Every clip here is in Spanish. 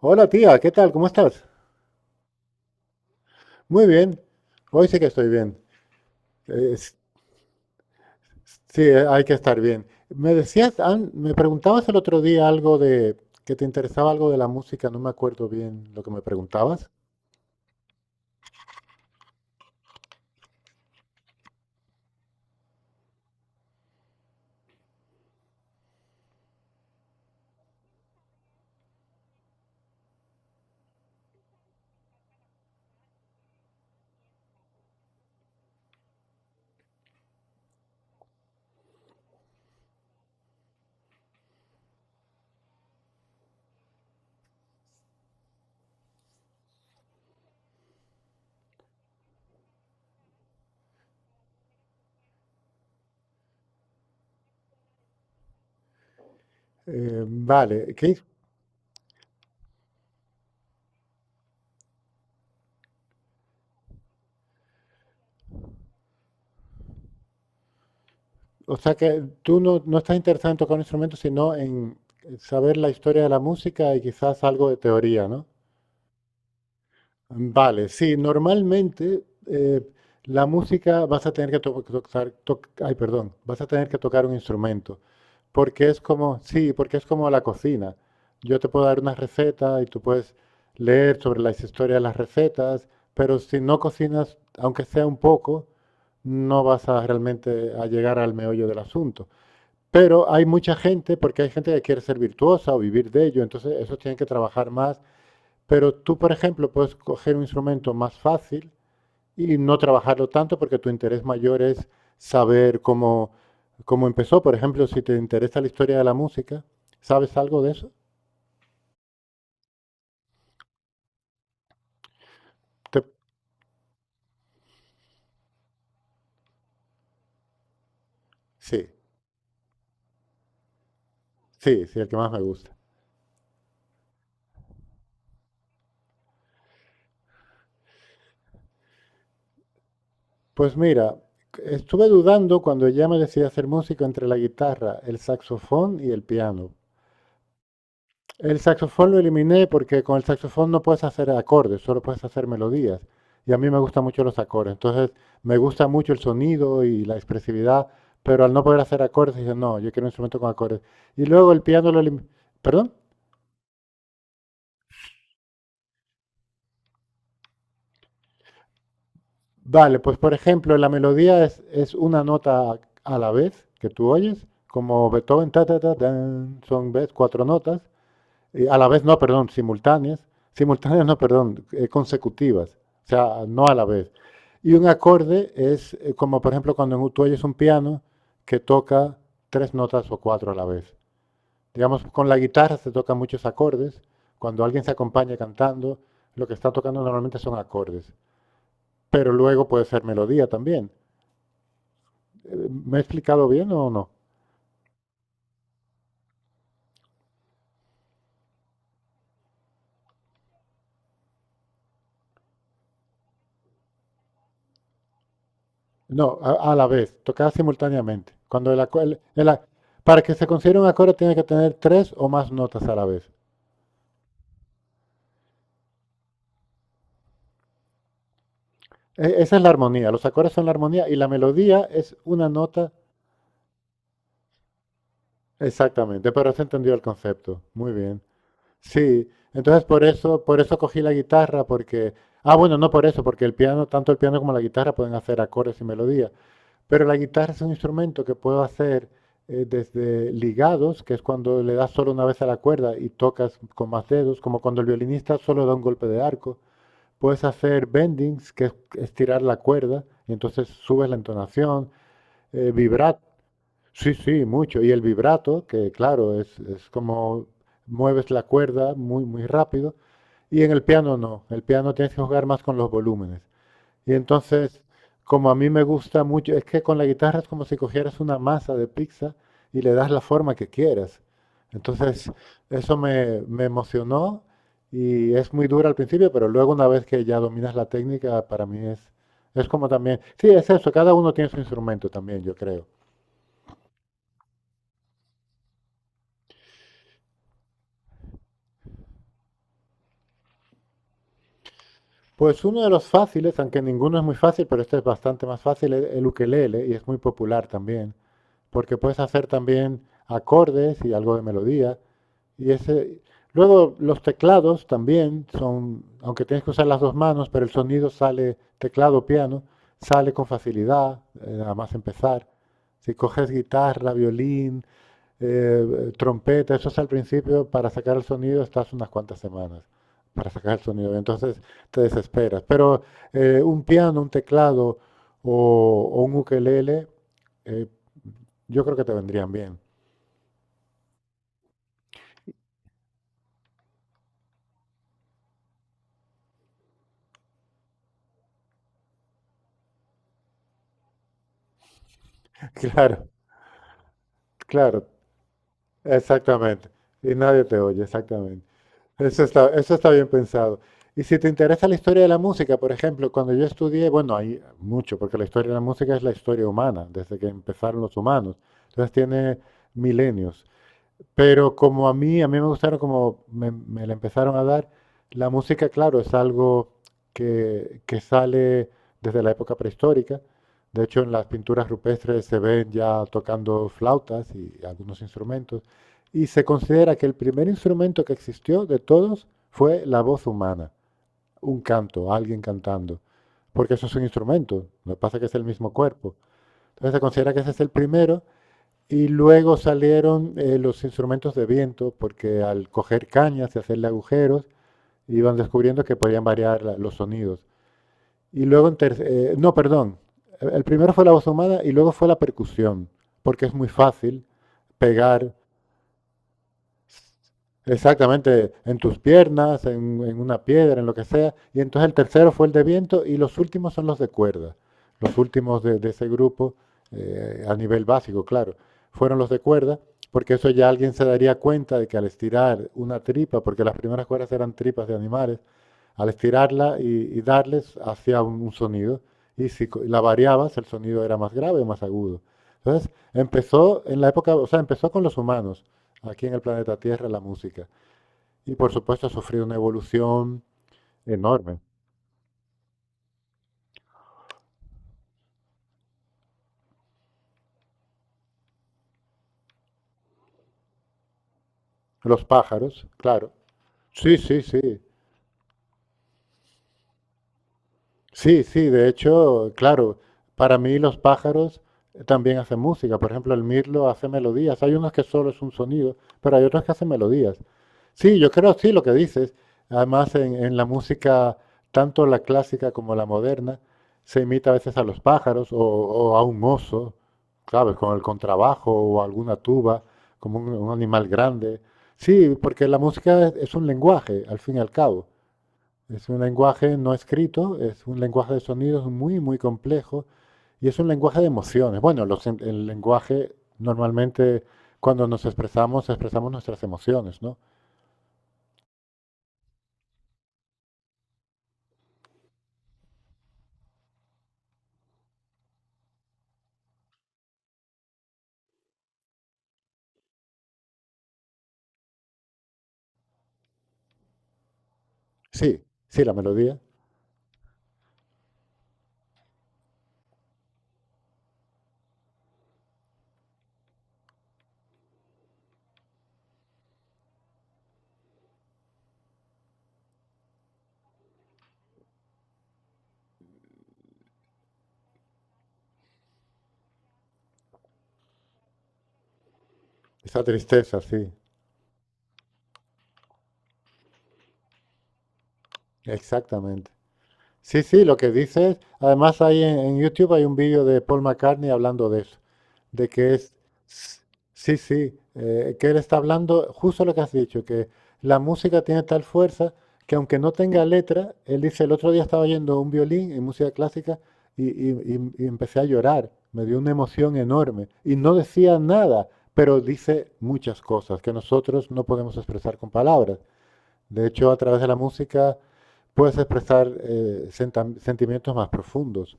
Hola tía, ¿qué tal? ¿Cómo estás? Muy bien. Hoy sí que estoy bien. Eh, s- sí, hay que estar bien. Me preguntabas el otro día algo de que te interesaba algo de la música, no me acuerdo bien lo que me preguntabas. Vale, o sea que tú no, no estás interesado en tocar un instrumento, sino en saber la historia de la música y quizás algo de teoría, ¿no? Vale, sí, normalmente la música vas a tener que to- tocar, toc- ay, perdón, vas a tener que tocar un instrumento, porque es como, sí, porque es como la cocina. Yo te puedo dar una receta y tú puedes leer sobre la historia de las recetas, pero si no cocinas, aunque sea un poco, no vas a realmente a llegar al meollo del asunto. Pero hay mucha gente, porque hay gente que quiere ser virtuosa o vivir de ello, entonces eso tienen que trabajar más, pero tú, por ejemplo, puedes coger un instrumento más fácil y no trabajarlo tanto porque tu interés mayor es saber cómo, cómo empezó. Por ejemplo, si te interesa la historia de la música, ¿sabes algo de eso? Te- sí, sí, sí, el que más me gusta. Pues mira, estuve dudando cuando ya me decidí a hacer música entre la guitarra, el saxofón y el piano. El saxofón lo eliminé porque con el saxofón no puedes hacer acordes, solo puedes hacer melodías. Y a mí me gustan mucho los acordes. Entonces, me gusta mucho el sonido y la expresividad, pero al no poder hacer acordes, dije, no, yo quiero un instrumento con acordes. Y luego el piano lo eliminé. ¿Perdón? Vale, pues por ejemplo, la melodía es una nota a la vez que tú oyes, como Beethoven, ta, ta, ta, tan, son ves, cuatro notas. Y a la vez, no, perdón, simultáneas. Simultáneas, no, perdón, consecutivas. O sea, no a la vez. Y un acorde es como, por ejemplo, cuando tú oyes un piano que toca tres notas o cuatro a la vez. Digamos, con la guitarra se tocan muchos acordes. Cuando alguien se acompaña cantando, lo que está tocando normalmente son acordes. Pero luego puede ser melodía también. ¿Me he explicado bien o no? No, a la vez, tocar simultáneamente. Cuando el aco- el a- Para que se considere un acorde tiene que tener tres o más notas a la vez. Esa es la armonía, los acordes son la armonía y la melodía es una nota. Exactamente, pero se entendió el concepto. Muy bien. Sí, entonces por eso cogí la guitarra, porque, ah, bueno, no por eso, porque el piano, tanto el piano como la guitarra pueden hacer acordes y melodía. Pero la guitarra es un instrumento que puedo hacer desde ligados, que es cuando le das solo una vez a la cuerda y tocas con más dedos, como cuando el violinista solo da un golpe de arco. Puedes hacer bendings, que es estirar la cuerda, y entonces subes la entonación. Vibrato, sí, sí, mucho. Y el vibrato, que claro, es como mueves la cuerda muy, muy rápido. Y en el piano no, el piano tienes que jugar más con los volúmenes. Y entonces, como a mí me gusta mucho, es que con la guitarra es como si cogieras una masa de pizza y le das la forma que quieras. Entonces, eso me, me emocionó y es muy dura al principio, pero luego una vez que ya dominas la técnica, para mí es como también... Sí, es eso, cada uno tiene su instrumento también, yo creo. Pues uno de los fáciles, aunque ninguno es muy fácil, pero este es bastante más fácil, es el ukelele y es muy popular también, porque puedes hacer también acordes y algo de melodía. Y ese, luego los teclados también son, aunque tienes que usar las dos manos, pero el sonido sale, teclado, piano, sale con facilidad, nada más empezar. Si coges guitarra, violín, trompeta, eso es al principio, para sacar el sonido estás unas cuantas semanas para sacar el sonido. Entonces te desesperas. Pero un piano, un teclado o un ukelele, eh, yo creo que te vendrían bien. Claro, claro. Exactamente. Y nadie te oye, exactamente. Eso está bien pensado. Y si te interesa la historia de la música, por ejemplo, cuando yo estudié, bueno, hay mucho, porque la historia de la música es la historia humana, desde que empezaron los humanos. Entonces tiene milenios. Pero como a mí me gustaron como me la empezaron a dar, la música, claro, es algo que sale desde la época prehistórica. De hecho, en las pinturas rupestres se ven ya tocando flautas y algunos instrumentos. Y se considera que el primer instrumento que existió de todos fue la voz humana, un canto, alguien cantando. Porque eso es un instrumento, lo que pasa es que es el mismo cuerpo. Entonces se considera que ese es el primero y luego salieron los instrumentos de viento, porque al coger cañas y hacerle agujeros, iban descubriendo que podían variar los sonidos. Y luego, en ter- no, perdón, el primero fue la voz humana y luego fue la percusión, porque es muy fácil pegar. Exactamente, en tus piernas, en una piedra, en lo que sea. Y entonces el tercero fue el de viento y los últimos son los de cuerda. Los últimos de ese grupo, a nivel básico, claro, fueron los de cuerda, porque eso ya alguien se daría cuenta de que al estirar una tripa, porque las primeras cuerdas eran tripas de animales, al estirarla y darles hacía un sonido. Y si co- la variabas, el sonido era más grave o más agudo. Entonces empezó en la época, o sea, empezó con los humanos aquí en el planeta Tierra la música. Y por supuesto ha sufrido una evolución enorme. Los pájaros, claro. Sí, sí, sí. Sí, sí, de hecho, claro, para mí los pájaros también hacen música. Por ejemplo, el mirlo hace melodías. Hay unos que solo es un sonido, pero hay otros que hacen melodías. Sí, yo creo, sí, lo que dices. Además, en la música, tanto la clásica como la moderna, se imita a veces a los pájaros o a un oso, ¿sabes? Con el contrabajo o alguna tuba, como un animal grande. Sí, porque la música es un lenguaje, al fin y al cabo. Es un lenguaje no escrito, es un lenguaje de sonidos muy, muy complejo y es un lenguaje de emociones. Bueno, el lenguaje normalmente cuando nos expresamos, expresamos nuestras emociones, ¿no? Sí, sí, la melodía, esa tristeza, sí, exactamente. Sí, sí, lo que dices, además hay en YouTube hay un vídeo de Paul McCartney hablando de eso. De que es, sí, sí, que él está hablando justo lo que has dicho, que la música tiene tal fuerza que aunque no tenga letra, él dice, el otro día estaba oyendo un violín en música clásica y empecé a llorar, me dio una emoción enorme y no decía nada, pero dice muchas cosas que nosotros no podemos expresar con palabras. De hecho, a través de la música puedes expresar sentimientos más profundos.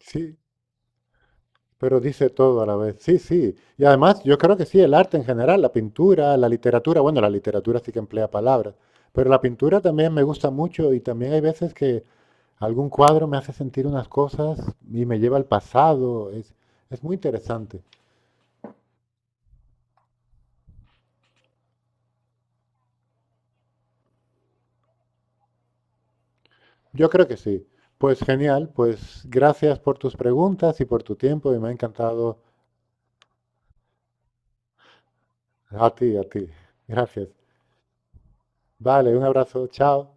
Sí, pero dice todo a la vez. Sí, sí. Y además, yo creo que sí, el arte en general, la pintura, la literatura, bueno, la literatura sí que emplea palabras, pero la pintura también me gusta mucho y también hay veces que algún cuadro me hace sentir unas cosas y me lleva al pasado. Es muy interesante. Yo creo que sí. Pues genial, pues gracias por tus preguntas y por tu tiempo y me ha encantado a ti, a ti. Gracias. Vale, un abrazo, chao.